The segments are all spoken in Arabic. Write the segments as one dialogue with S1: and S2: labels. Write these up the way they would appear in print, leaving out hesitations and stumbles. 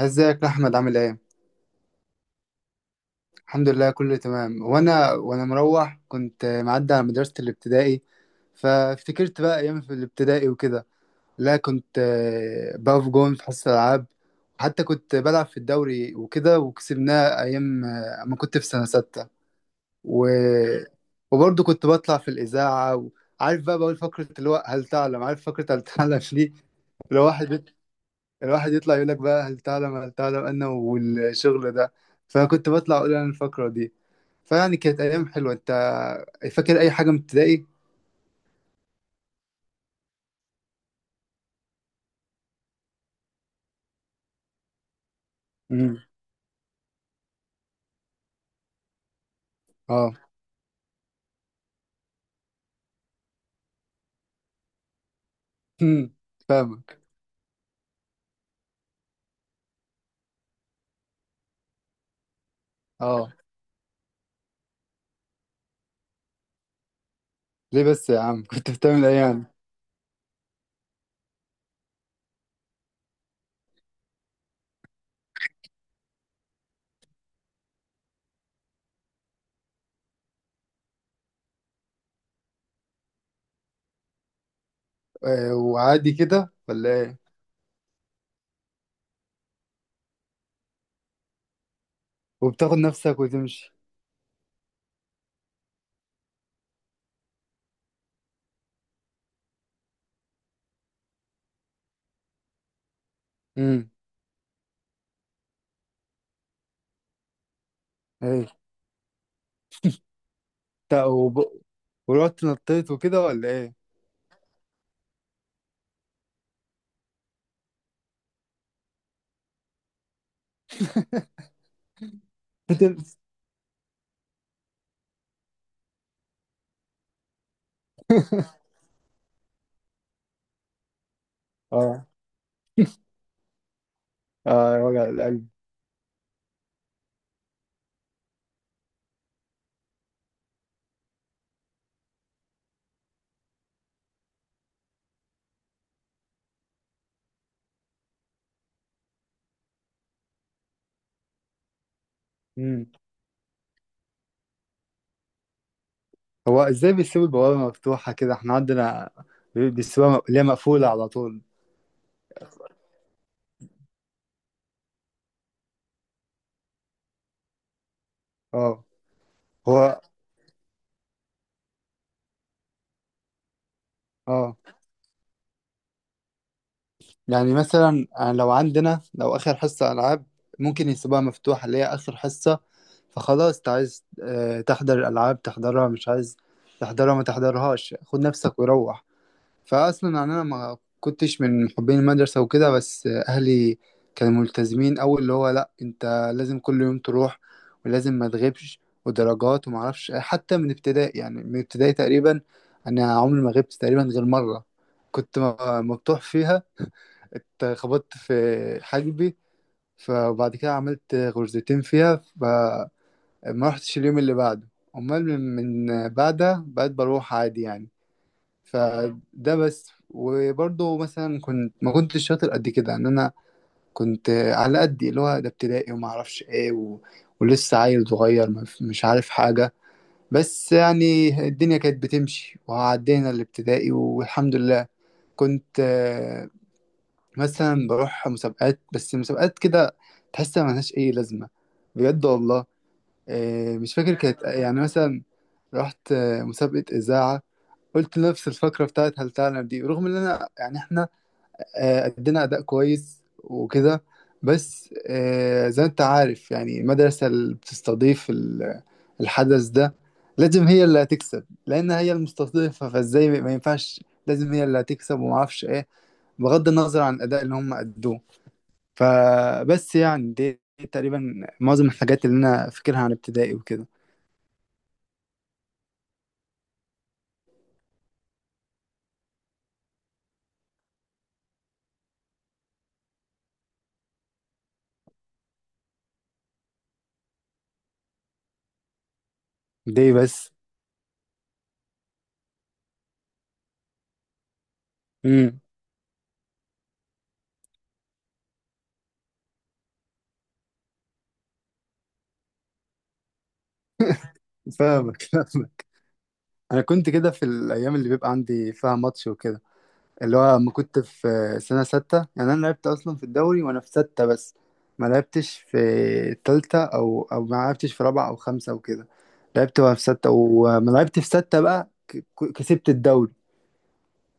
S1: ازيك يا احمد، عامل ايه؟ الحمد لله، كله تمام. وانا مروح كنت معدي على مدرسة الابتدائي، فافتكرت بقى ايام في الابتدائي وكده. لا، كنت بقف جون في حصة العاب. وحتى كنت بلعب في الدوري وكده، وكسبناه ايام ما كنت في سنة ستة. و... وبرضه كنت بطلع في الإذاعة، وعارف بقى، بقول فقرة اللي هو هل تعلم. عارف فقرة هل تعلم دي؟ الواحد الواحد يطلع يقول لك بقى هل تعلم، هل تعلم أنا والشغل ده. فكنت بطلع أقول أنا الفقرة دي. فيعني كانت أيام حلوة. أنت فاكر أي حاجة من ابتدائي؟ امم. أه. أمم. فاهمك. أه. ليه بس يا عم؟ كنت بتعمل إيه يعني؟ وعادي كده ولا إيه؟ وبتاخد نفسك وتمشي. امم. إيه. تا- وب... ورحت نطيت وكده ولا إيه؟ اه، اه. وجع القلب. هو ازاي بيسيبوا البوابة مفتوحة كده؟ احنا عندنا بيسيبوها، اللي هي مقفولة على طول. اه. هو، اه، يعني مثلا لو اخر حصة العاب، ممكن يسيبوها مفتوحة اللي هي اخر حصة. فخلاص انت عايز تحضر الالعاب تحضرها، مش عايز تحضرها ما تحضرهاش، خد نفسك وروح. فاصلا يعني، انا ما كنتش من محبين المدرسه وكده، بس اهلي كانوا ملتزمين أوي، اللي هو لا انت لازم كل يوم تروح، ولازم ما تغيبش، ودرجات وما اعرفش إيه. حتى من ابتدائي، يعني من ابتدائي تقريبا انا عمري ما غبت تقريبا غير مره. كنت مبطوح فيها، اتخبطت في حاجبي، فبعد كده عملت غرزتين فيها، فما رحتش اليوم اللي بعده. امال من بعدها بقيت بروح عادي يعني. فده بس. وبرضه مثلا كنت، ما كنتش شاطر قد كده، ان انا كنت على قدي، اللي هو ده ابتدائي وما اعرفش ايه ولسه عيل صغير، ما ف- مش عارف حاجة. بس يعني الدنيا كانت بتمشي، وعدينا الابتدائي والحمد لله. كنت مثلا بروح مسابقات، بس مسابقات كده، تحس ملهاش اي لازمة، بجد والله. مش فاكر كانت يعني مثلا. رحت مسابقة إذاعة، قلت نفس الفكرة بتاعت هل تعلم دي، رغم ان انا يعني احنا ادينا اداء كويس وكده. بس زي ما انت عارف يعني، المدرسة اللي بتستضيف الحدث ده لازم هي اللي هتكسب، لان هي المستضيفة، فازاي ما ينفعش، لازم هي اللي هتكسب وما اعرفش ايه، بغض النظر عن الاداء اللي هم ادوه. فبس يعني دي تقريبا معظم الحاجات اللي انا فاكرها عن ابتدائي وكده. دي بس. امم. فاهمك. انا كنت كده في الايام اللي بيبقى عندي فيها ماتش وكده، اللي هو لما كنت في سنه سته. يعني انا لعبت اصلا في الدوري وانا في سته بس، ما لعبتش في تالته، او ما لعبتش في رابعه او خمسه وكده. لعبت وانا في سته، وما لعبت في سته بقى كسبت الدوري.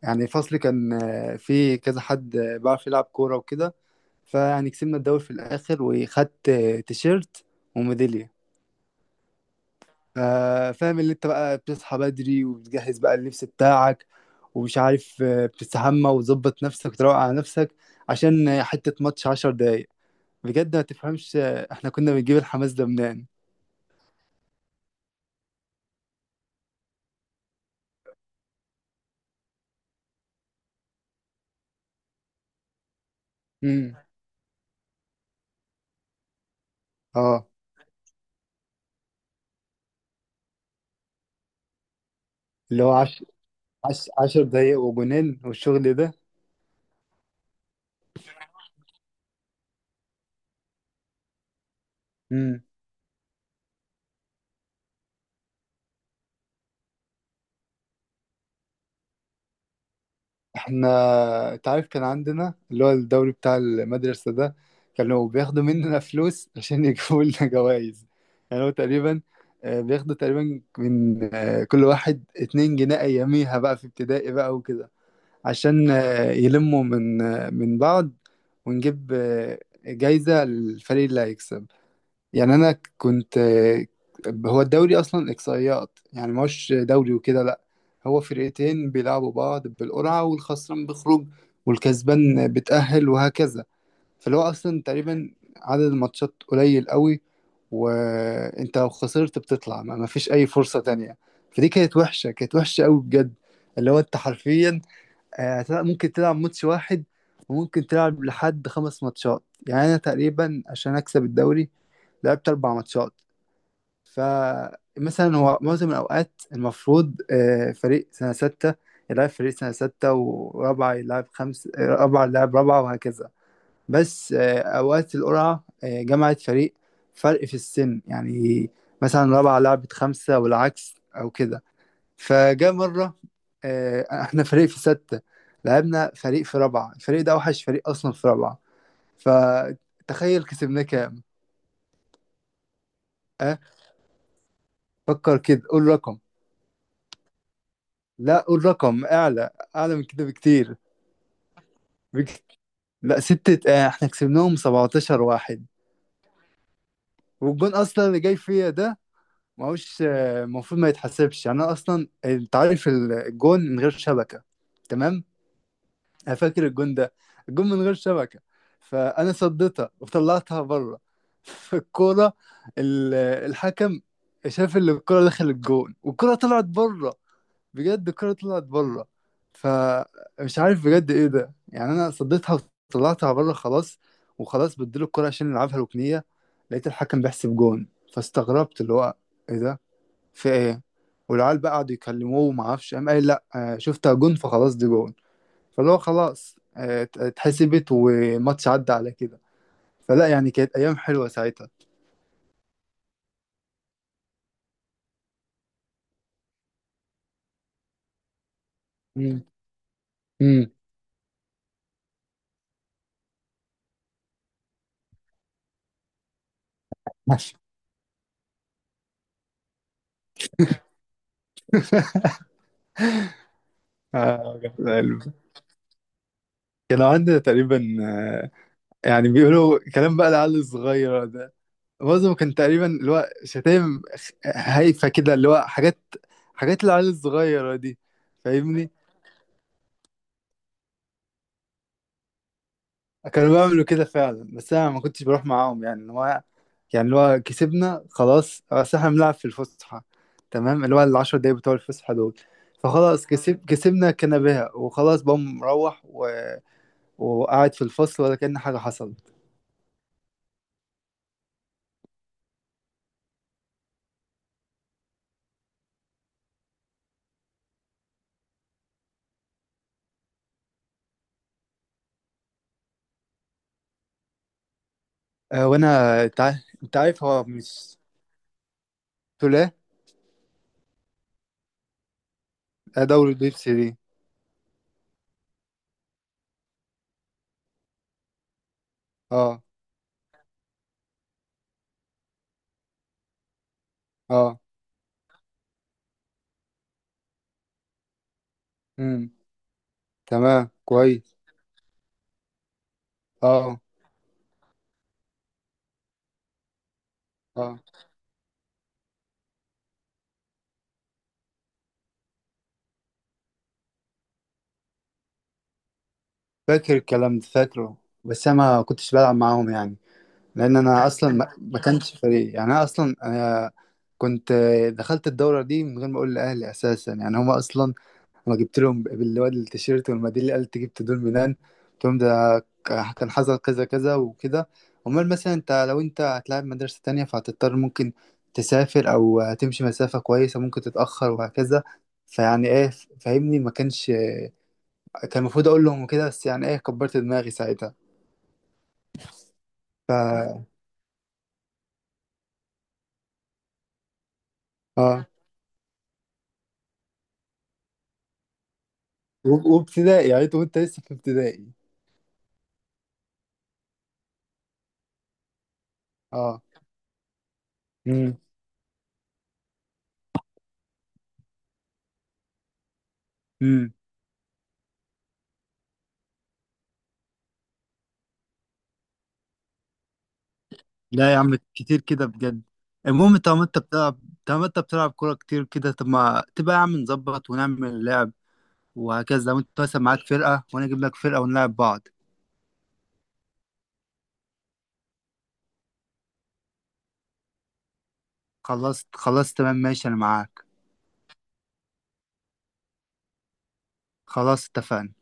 S1: يعني فصلي كان في كذا حد بيعرف يلعب كوره وكده. فيعني كسبنا الدوري في الاخر، وخدت تيشيرت وميدالية. آه، فاهم اللي انت بقى بتصحى بدري، وبتجهز بقى اللبس بتاعك، ومش عارف بتستحمى وتظبط نفسك وتروق على نفسك، عشان حتة ماتش 10 دقايق. بجد ما تفهمش، احنا كنا بنجيب الحماس ده منين. امم. اه. اللي هو عشر دقايق وجنان والشغل ده. احنا انت عارف كان عندنا اللي هو الدوري بتاع المدرسة ده، كانوا بياخدوا مننا فلوس عشان يجيبوا لنا جوائز. يعني هو تقريبا بياخدوا تقريبا من كل واحد 2 جنيه أياميها بقى في ابتدائي بقى وكده، عشان يلموا من بعض، ونجيب جايزة للفريق اللي هيكسب. يعني انا كنت، هو الدوري اصلا اقصائيات، يعني مش دوري وكده، لا، هو فرقتين بيلعبوا بعض بالقرعه، والخسران بيخرج والكسبان بتأهل وهكذا. فاللي هو اصلا تقريبا عدد الماتشات قليل قوي، وانت لو خسرت بتطلع ما فيش اي فرصه تانية. فدي كانت وحشه، كانت وحشه قوي بجد. اللي هو انت حرفيا ممكن تلعب ماتش واحد، وممكن تلعب لحد خمس ماتشات. يعني أنا تقريبا عشان أكسب الدوري لعبت أربع ماتشات. فمثلا هو معظم الأوقات المفروض فريق سنة ستة يلعب فريق سنة ستة، ورابعة يلعب خمس رابعة يلعب رابعة وهكذا. بس أوقات القرعة جمعت فرق في السن يعني، مثلا رابعة لعبت خمسة والعكس أو كده. فجاء مرة احنا فريق في ستة لعبنا فريق في رابعة، الفريق ده أوحش فريق أصلا في رابعة. فتخيل كسبناه كام؟ أه؟ فكر كده، قول رقم. لا، قول رقم أعلى، أعلى من كده بكتير. بك... لا ستة، احنا كسبناهم 17 واحد. والجون أصلا اللي جاي فيا ده ما هوش، المفروض ما يتحسبش يعني. أنا أصلا أنت عارف الجون من غير شبكة، تمام؟ انا فاكر الجون ده، الجون من غير شبكه، فانا صديتها وطلعتها بره. فالكوره ال- الحكم شاف ان الكوره دخلت الجون والكوره طلعت بره. بجد الكوره طلعت بره، فمش عارف بجد ايه ده يعني. انا صديتها وطلعتها بره خلاص، وخلاص بديله الكوره عشان نلعبها ركنيه، لقيت الحكم بيحسب جون. فاستغربت، اللي هو ايه ده؟ في ايه؟ والعيال بقى قعدوا يكلموه وما اعرفش، قام قال لا شفتها جون، فخلاص دي جون. فاللي هو خلاص اتحسبت، وماتش عدى على كده. فلا يعني كانت ايام حلوه ساعتها. امم. امم. ماشي. آه، جميل. حلو. كان عندنا تقريبا يعني بيقولوا كلام بقى العيال الصغيره ده، معظم كان تقريبا اللي هو شتايم هايفه كده، اللي هو حاجات، حاجات العيال الصغيره دي. فاهمني. كانوا بيعملوا كده فعلا، بس انا ما كنتش بروح معاهم يعني. هو يعني اللي هو كسبنا خلاص، اصل احنا بنلعب في الفسحه، تمام، اللي هو العشر دقايق بتوع الفسحه دول. فخلاص كسبنا كنباها، وخلاص بقى مروح وقاعد في الفصل ولا كأن حاجه حصلت. أه. وانا انت عارف، هو مش تولاه. آه، دوري البيبسي دي. اه. اه. امم. تمام. كويس. اه. اه. فاكر الكلام ده، فاكره. بس انا ما كنتش بلعب معاهم يعني، لان انا اصلا ما كانش فريق، يعني انا اصلا كنت دخلت الدوره دي من غير ما اقول لاهلي اساسا، يعني هما اصلا لما جبت لهم بالواد التيشيرت والميداليه اللي قالت جبت دول منين، قلت لهم ده كان حصل كذا كذا وكده. امال مثلا لو انت هتلاعب مدرسه تانية، فهتضطر ممكن تسافر او هتمشي مسافه كويسه، ممكن تتاخر وهكذا. فيعني ايه فاهمني، ما كانش كان المفروض اقول لهم كده، بس يعني ايه، كبرت دماغي ساعتها. ف اه وابتدائي يعني انت، وانت لسه في ابتدائي. اه. امم. امم. لا يا عم، كتير كده بجد. المهم طالما انت بتلعب، كورة كتير كده، طب ما تبقى يا عم نظبط ونعمل لعب وهكذا، لو انت مثلا معاك فرقة، وانا اجيب لك فرقة ونلعب بعض. خلاص. خلاص تمام ماشي، انا معاك. خلاص اتفقنا.